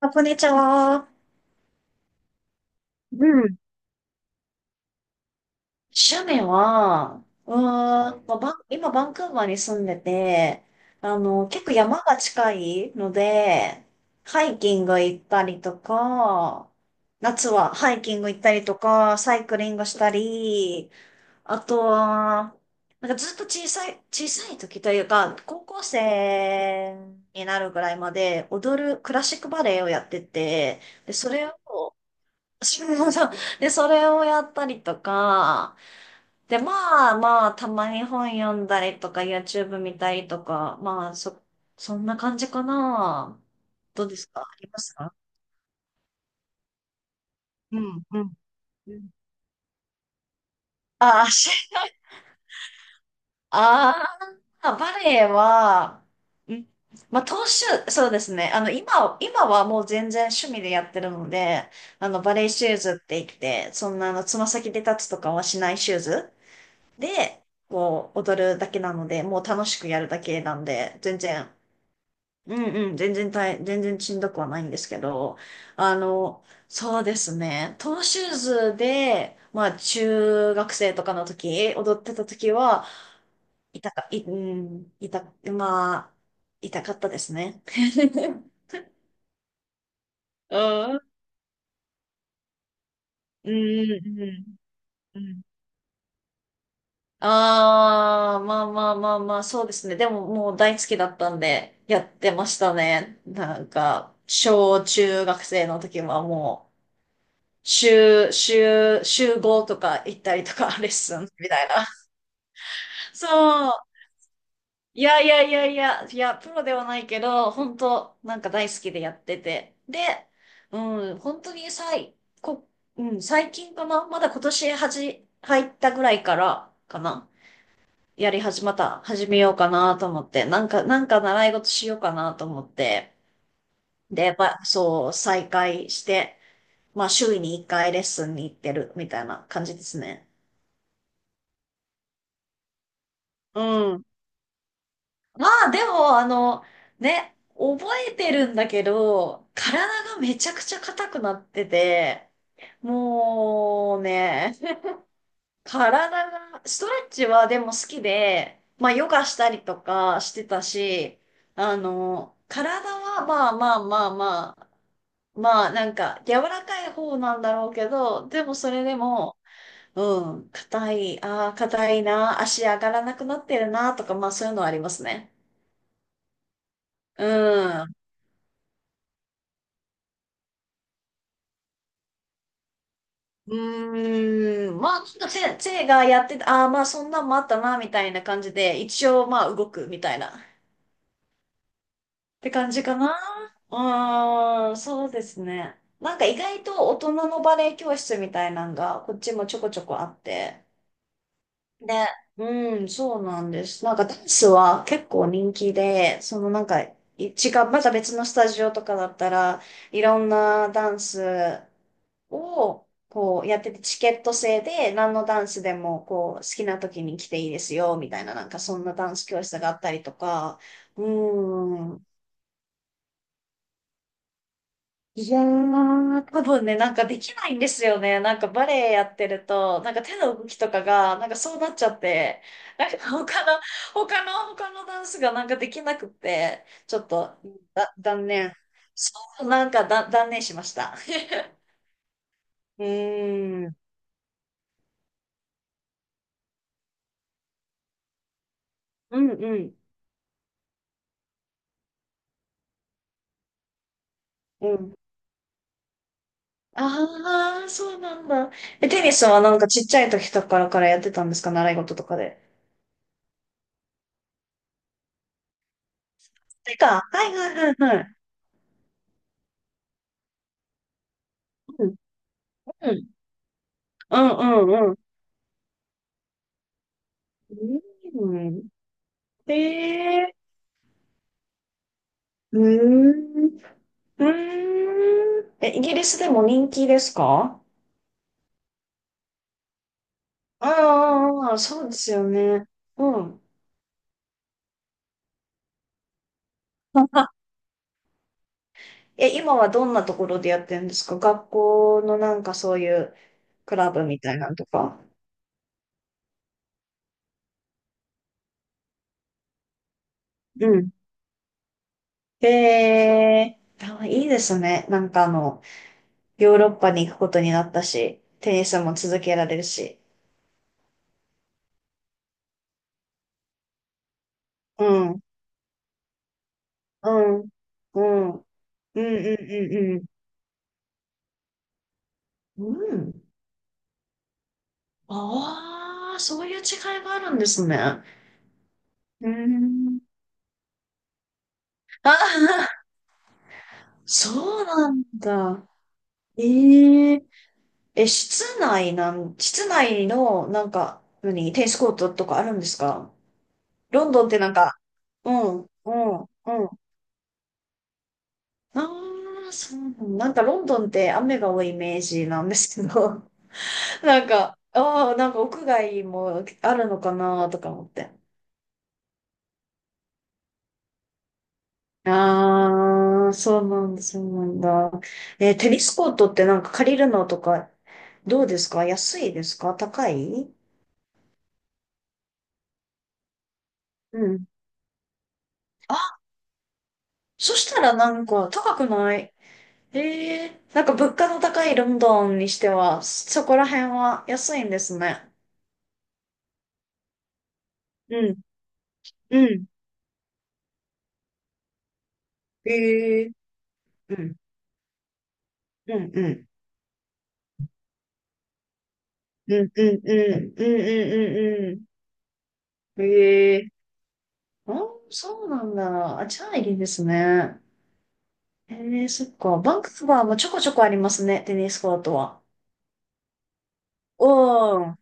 あこんにちは。うん。趣味は、まあバンクーバーに住んでて、あの、結構山が近いので、ハイキング行ったりとか、夏はハイキング行ったりとか、サイクリングしたり、あとは、なんかずっと小さい時というか、高校生になるぐらいまで踊るクラシックバレエをやってて、で、それを そうそう。で、それをやったりとか、で、まあまあ、たまに本読んだりとか、YouTube 見たりとか、そんな感じかな。どうですか？ありますか？うんうん。うん。あし、ああ、バレエは、うん、まあ、当主、そうですね。今はもう全然趣味でやってるので、あの、バレエシューズって言って、そんな、あの、つま先で立つとかはしないシューズで、こう、踊るだけなので、もう楽しくやるだけなんで、うんうん、全然しんどくはないんですけど、あの、そうですね、トーシューズで、まあ、中学生とかの時、踊ってた時は、痛か、い、うん、まあ、痛かったですね。うん、うん、うん、うん。まあまあまあまあ、そうですね。でももう大好きだったんで、やってましたね。なんか、小中学生の時はもう、週5とか行ったりとか、レッスンみたいな。そう。いや、プロではないけど、本当なんか大好きでやってて。で、うん、本当に最、こ、うん、最近かなまだ今年入ったぐらいからかな、やり始また、始めようかなと思って、なんか習い事しようかなと思って、で、やっぱ、そう、再開して、まあ、週に1回レッスンに行ってるみたいな感じですね。うん。まあ、でも、あの、ね、覚えてるんだけど、体がめちゃくちゃ硬くなってて、もうね、体が、ストレッチはでも好きで、まあヨガしたりとかしてたし、あの、体はまあまあまあまあ、まあなんか柔らかい方なんだろうけど、でもそれでも、うん、硬いな、足上がらなくなってるな、とか、まあそういうのはありますね。うん。まあ、ちょっとせ、せいがやってた、ああ、まあ、そんなんもあったな、みたいな感じで、一応、まあ、動く、みたいな。て感じかな。うーん、そうですね。なんか意外と大人のバレエ教室みたいなのがこっちもちょこちょこあって。で、うん、そうなんです。なんかダンスは結構人気で、そのなんかい違う、また別のスタジオとかだったらいろんなダンスをこうやっててチケット制で何のダンスでもこう好きな時に来ていいですよみたいななんかそんなダンス教室があったりとか、うん、いやー、多分ね、なんかできないんですよね。なんかバレエやってると、なんか手の動きとかが、なんかそうなっちゃって、なんか 他のダンスがなんかできなくて、ちょっと、だ、断念。そう、なんかだ、断念しました。うーん、うん、うん、うん。ああ、そうなんだ。え、テニスはなんかちっちゃい時とかからやってたんですか？習い事とかで。てか、はいはいはいはい。うん、うん、うん、うん、うん。で、うーん、うーん。え、イギリスでも人気ですか？ああ、ああそうですよね。うん。え、今はどんなところでやってるんですか？学校のなんかそういうクラブみたいなのとか。うん。えー、あいいですね。なんかあの、ヨーロッパに行くことになったし、テニスも続けられるし。うん、うん、うん、うん、うん、うん、うん。うん。ああ、そういう違いがあるんですね。うーん。ああ、そうなんだ。ええ。え、室内の、テニスコートとかあるんですか？ロンドンってなんか、うん、うん、うん。ああ、そうなんなんかロンドンって雨が多いイメージなんですけど、なんか、ああ、なんか屋外もあるのかなとか思って。ああ、そうなんだ、そうなんだ。えー、テニスコートってなんか借りるのとか、どうですか？安いですか？高い？うん。あ、そしたらなんか高くない？ええー、なんか物価の高いロンドンにしては、そこら辺は安いんですね。うん、うん。ええ。うん、うん、うん、うん、うん、うん、うん、うん、うん。ええ。あ、そうなんだ。あ、じゃあいいですね。えー、そっか。バンクーバーもちょこちょこありますね、テニスコートは。うん。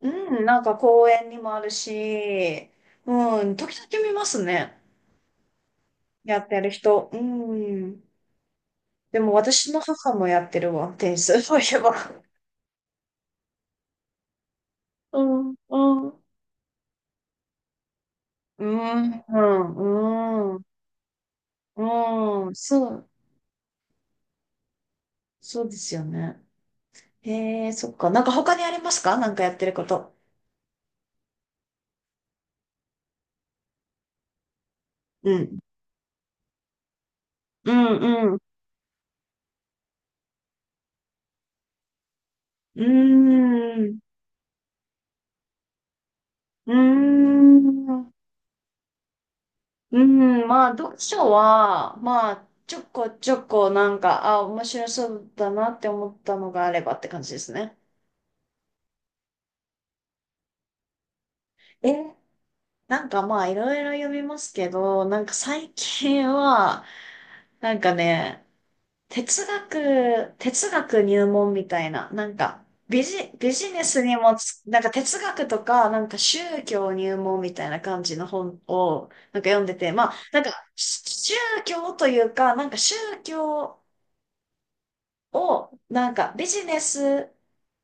うん、なんか公園にもあるし、うん、時々見ますね。やってる人。うん。でも私の母もやってるわ、テニス、そういえば。うん、うん。うん、うん、うん、そうですよね。へえ、そっか。なんか他にありますか？なんかやってること。うん。うん、うん。うーん。うーん。うん、まあ読書は、まあちょこちょこなんか、あ、面白そうだなって思ったのがあればって感じですね。え、なんかまあいろいろ読みますけど、なんか最近は、なんかね、哲学入門みたいな、ビジネスにもつ、なんか哲学とか、なんか宗教入門みたいな感じの本を、なんか読んでて、まあ、なんか宗教というか、なんか宗教、を、なんかビジネス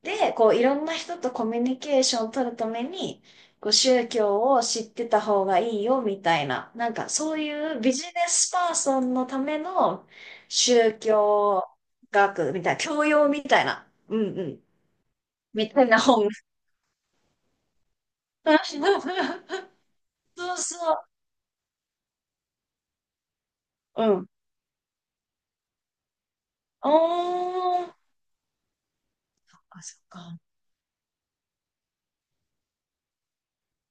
で、こういろんな人とコミュニケーションを取るために、こう宗教を知ってた方がいいよみたいな、なんかそういうビジネスパーソンのための宗教学みたいな、教養みたいな、うんうん、みたいな本。そうそう、うん。おー、あ、そっか。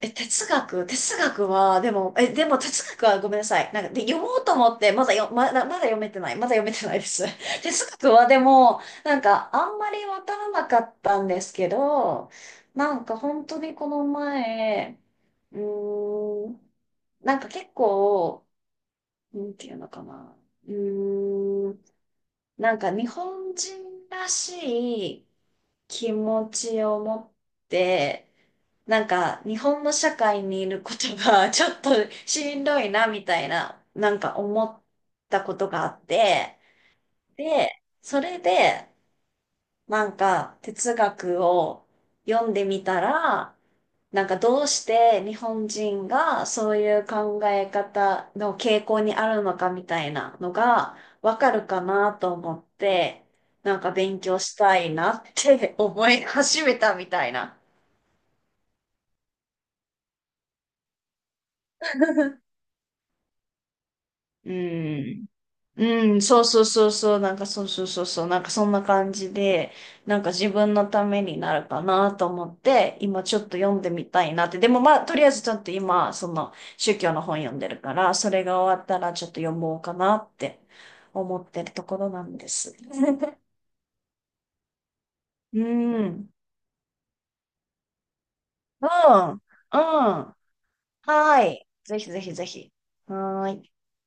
え、哲学は、でも、え、でも哲学はごめんなさい。なんか、で、読もうと思って、まだよ、まだ、まだ読めてない。まだ読めてないです。哲学はでも、なんか、あんまりわからなかったんですけど、なんか本当にこの前、うーん、なんか結構、なんていうのかな。うーん、なんか日本人らしい、気持ちを持って、なんか日本の社会にいることが ちょっとしんどいなみたいな、なんか思ったことがあって、で、それで、なんか哲学を読んでみたら、なんかどうして日本人がそういう考え方の傾向にあるのかみたいなのがわかるかなと思って、なんか勉強したいなって 思い始めたみたいな。うん。うん、そうそうそうそう、なんかそうそうそうそう、なんかそんな感じで、なんか自分のためになるかなと思って、今ちょっと読んでみたいなって。でもまあ、とりあえずちょっと今、その宗教の本読んでるから、それが終わったらちょっと読もうかなって思ってるところなんです。うん、うん、うん。はい。ぜひぜひぜひ。はーい。